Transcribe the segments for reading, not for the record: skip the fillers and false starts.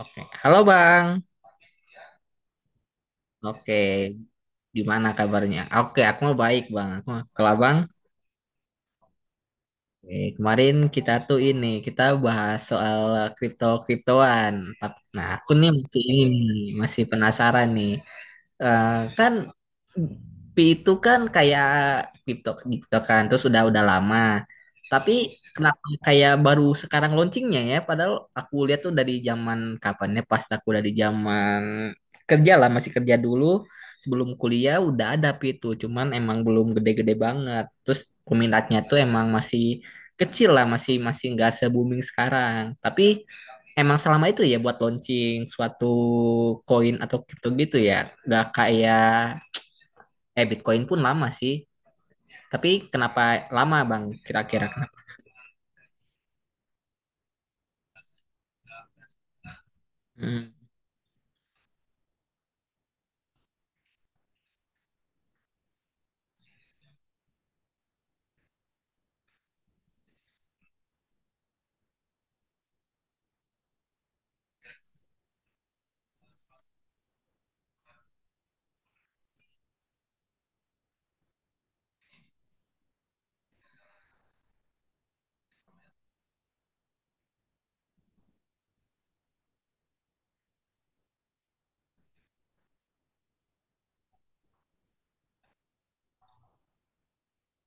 Oke, halo Bang. Oke, gimana kabarnya? Oke, aku mau baik Bang. Kalau Bang, nih, kemarin kita tuh ini kita bahas soal kripto kriptoan. Nah, aku nih masih ini nih, masih penasaran nih. Eh, Kan Pi itu kan kayak kripto gitu kan, terus udah lama. Tapi kenapa kayak baru sekarang launchingnya ya? Padahal aku lihat tuh dari zaman kapan ya? Pas aku dari zaman kerja lah, masih kerja dulu. Sebelum kuliah udah ada Pi itu, cuman emang belum gede-gede banget. Terus peminatnya tuh emang masih kecil lah masih masih nggak se booming sekarang, tapi emang selama itu ya buat launching suatu koin atau kripto gitu ya nggak kayak Bitcoin pun lama sih, tapi kenapa lama bang kira-kira? Hmm.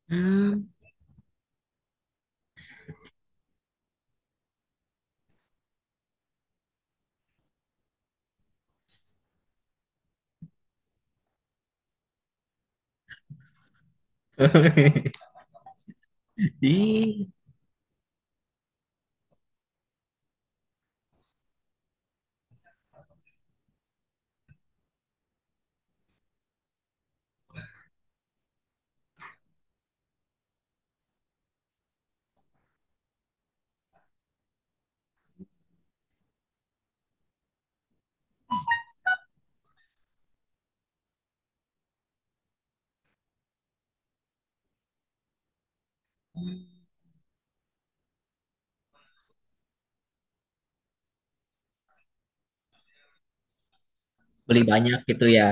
Hmm. Ih, beli banyak gitu ya?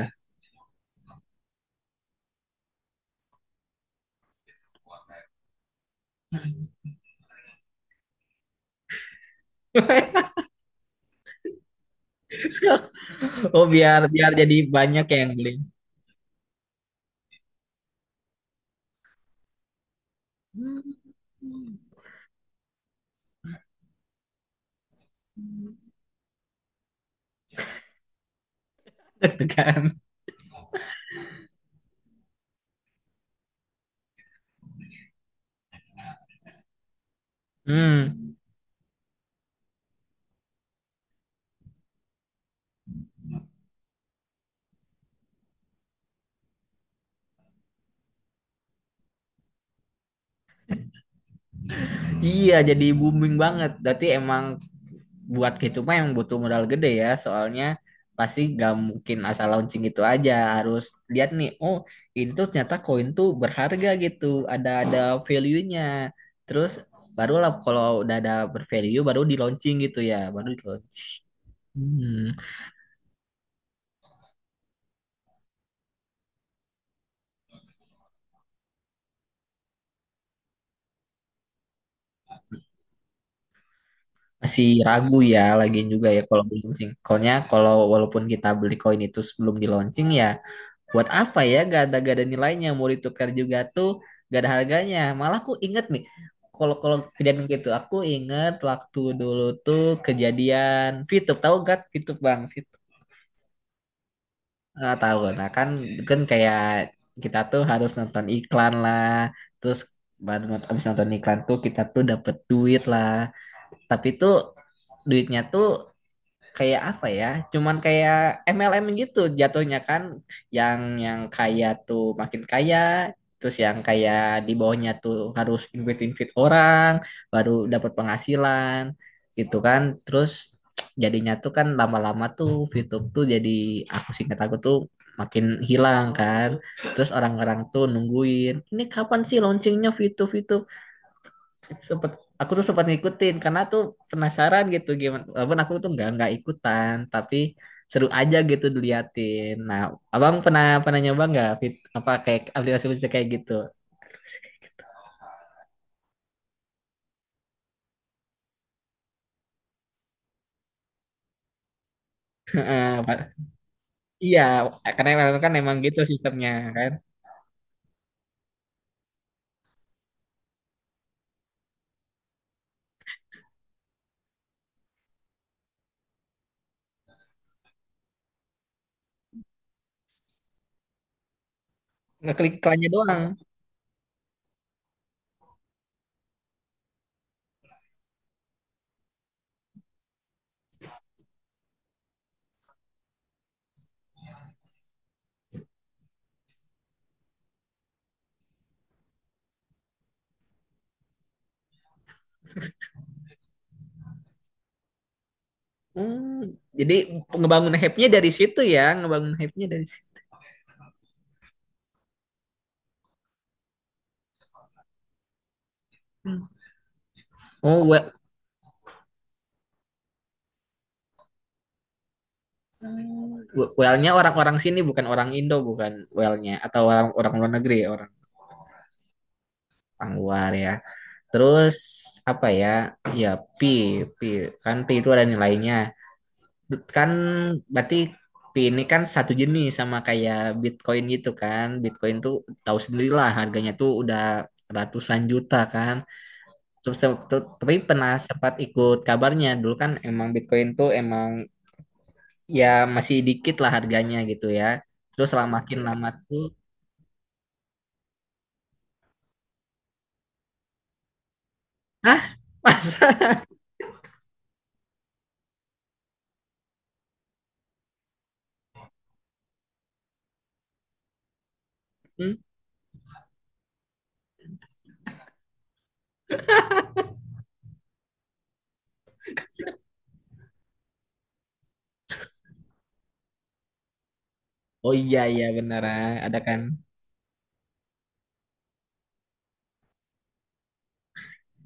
Oh, biar biar jadi banyak yang beli. Hmm. kan. Hmm, iya jadi booming banget berarti emang buat gitu mah yang butuh modal gede ya, soalnya pasti gak mungkin asal launching gitu aja, harus lihat nih, oh ini tuh ternyata koin tuh berharga gitu, ada value-nya, terus barulah kalau udah ada bervalue baru di launching gitu ya, baru di launching. Hmm, masih ragu ya lagi juga ya kalau di launching. Soalnya kalau walaupun kita beli koin itu sebelum di launching ya buat apa ya, gak ada nilainya, mau ditukar juga tuh gak ada harganya. Malah aku inget nih kalau kalau kejadian gitu. Aku inget waktu dulu tuh kejadian Fitup, tahu gak Fitup bang? Fitup nggak tahu? Nah kan, kan kayak kita tuh harus nonton iklan lah, terus baru abis nonton iklan tuh kita tuh dapet duit lah. Tapi tuh duitnya tuh kayak apa ya? Cuman kayak MLM gitu jatuhnya kan, yang yang kaya tuh makin kaya, terus yang kayak di bawahnya tuh harus invite-invite orang baru dapat penghasilan gitu kan. Terus jadinya tuh kan lama-lama tuh VTube tuh jadi aku singkat aku tuh makin hilang kan. Terus orang-orang tuh nungguin, ini kapan sih launchingnya VTube itu. Sempet aku tuh sempat ngikutin karena tuh penasaran gitu gimana, walaupun aku tuh nggak ikutan tapi seru aja gitu diliatin. Nah, abang pernah pernah nyoba nggak, apa kayak aplikasi aplikasi kayak gitu? Heeh, iya karena emang- kan emang gitu sistemnya kan, ngeklik iklannya doang. Hmm, jadi ngebangun hype-nya dari situ ya, ngebangun hype-nya dari situ. Oh, well, well-nya orang-orang sini bukan orang Indo, bukan well-nya, atau orang orang luar negeri, orang orang luar ya. Terus apa ya? Ya pi, pi kan pi itu ada nilainya. Kan berarti pi ini kan satu jenis sama kayak Bitcoin gitu kan. Bitcoin tuh tahu sendirilah harganya tuh udah ratusan juta kan. Terus tapi pernah sempat ikut kabarnya dulu kan emang Bitcoin tuh emang ya masih dikit lah harganya gitu ya. Terus lah makin lama tuh ah. Masa? Hmm? Oh iya iya benar ah, ada kan.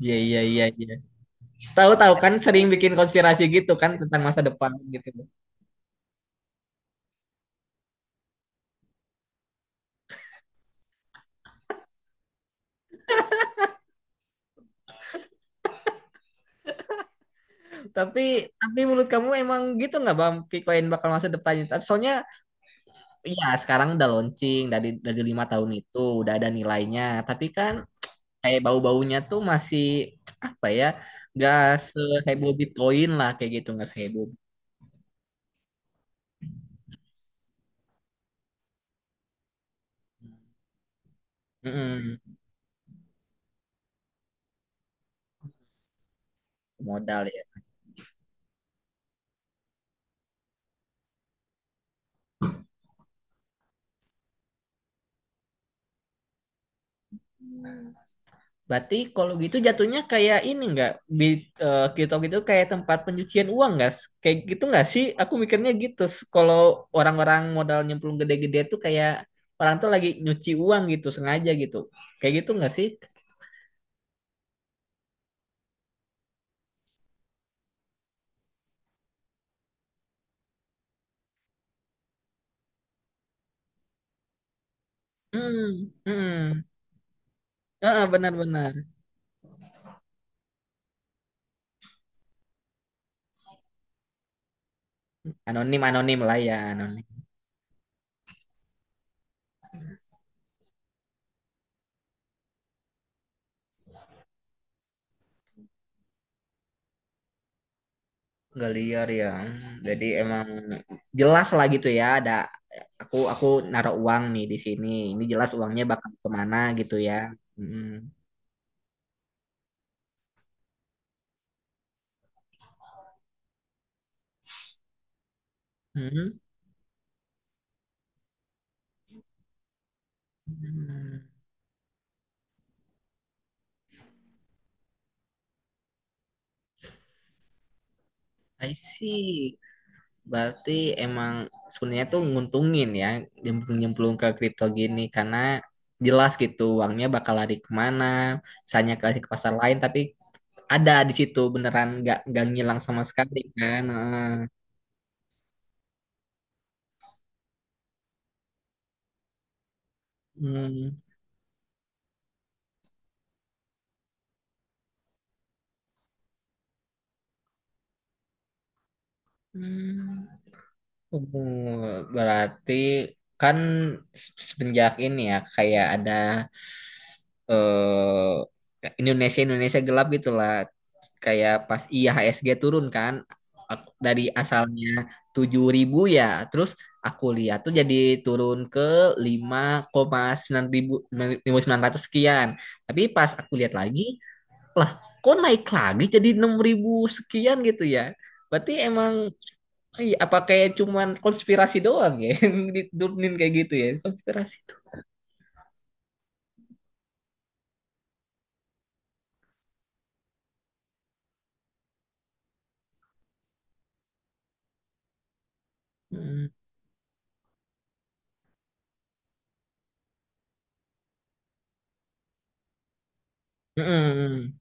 Iya iya iya iya. Tahu-tahu kan sering bikin konspirasi gitu kan tentang masa depan gitu. Tapi tapi menurut kamu emang gitu nggak Bang Bitcoin bakal masa depannya? Soalnya ya sekarang udah launching dari 5 tahun itu udah ada nilainya. Tapi kan kayak bau-baunya tuh masih apa ya? Nggak seheboh Bitcoin lah kayak gitu, nggak seheboh. Mm-mm, modal ya. Berarti kalau gitu jatuhnya kayak ini nggak di TikTok itu kayak tempat pencucian uang nggak? Kayak gitu nggak sih? Aku mikirnya gitu. Kalau orang-orang modal nyemplung gede-gede tuh kayak orang tuh lagi nyuci uang gitu sengaja gitu. Kayak gitu nggak sih? Hmm, hmm. Heeh, benar-benar. Anonim anonim lah ya anonim. Nggak liar ya. Hmm, jadi emang jelas lah gitu ya. Ada aku naruh uang nih di sini. Ini jelas uangnya bakal kemana gitu ya. Hmm. Hmm. Hmm, I see. Berarti emang sebenarnya tuh nguntungin ya nyemplung-nyemplung ke kripto gini, karena jelas gitu uangnya bakal lari kemana, misalnya ke pasar lain, tapi ada di situ beneran nggak ngilang sama sekali kan. Heeh. Hmm. Hmm. Hmm, berarti kan semenjak ini ya kayak ada Indonesia Indonesia gelap gitulah kayak pas IHSG turun kan, dari asalnya 7.000 ya, terus aku lihat tuh jadi turun ke lima koma sembilan ribu sembilan ratus sekian, tapi pas aku lihat lagi lah kok naik lagi jadi 6.000 sekian gitu ya berarti emang. Iya, apa kayak cuman konspirasi doang ya? Yang diturunin kayak gitu ya konspirasi tuh. Hmm. Mm-mm.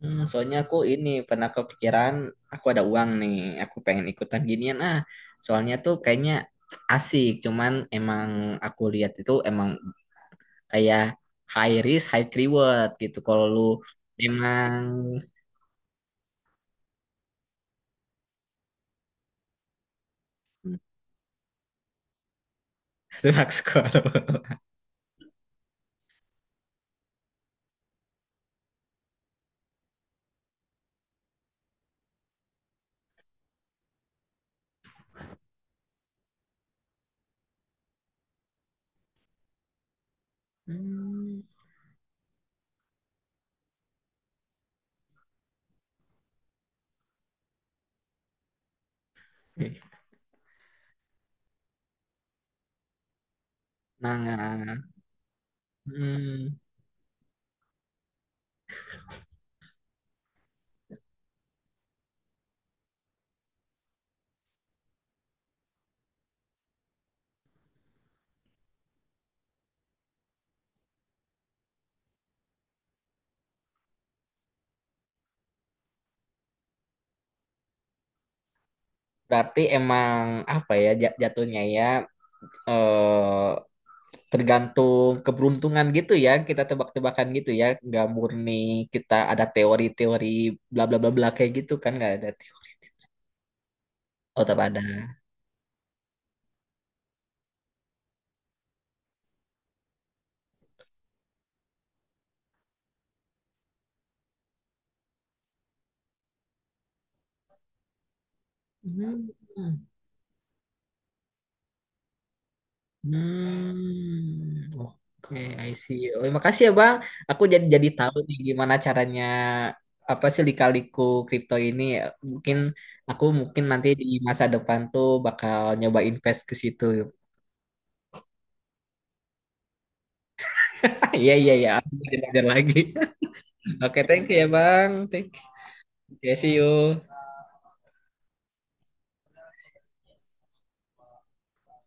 Hmm, soalnya aku ini pernah kepikiran aku ada uang nih, aku pengen ikutan ginian ah. Soalnya tuh kayaknya asik, cuman emang aku lihat itu emang kayak high risk high reward gitu. Kalau lu emang drug squad. Hmm. Nah, hmm, berarti emang apa ya jatuhnya ya? eh Tergantung keberuntungan gitu ya, kita tebak-tebakan gitu ya, nggak murni kita ada teori-teori bla bla bla bla kayak gitu kan, nggak ada teori. Oh tetap ada. Hmm. Hmm. Oke, I see. Oh, makasih ya bang, aku jadi tahu nih gimana caranya, apa sih lika-liku kripto ini. Mungkin aku mungkin nanti di masa depan tuh bakal nyoba invest ke situ. Iya iya iya aku belajar lagi. Oke, thank you ya bang, thank you. Oke, see you.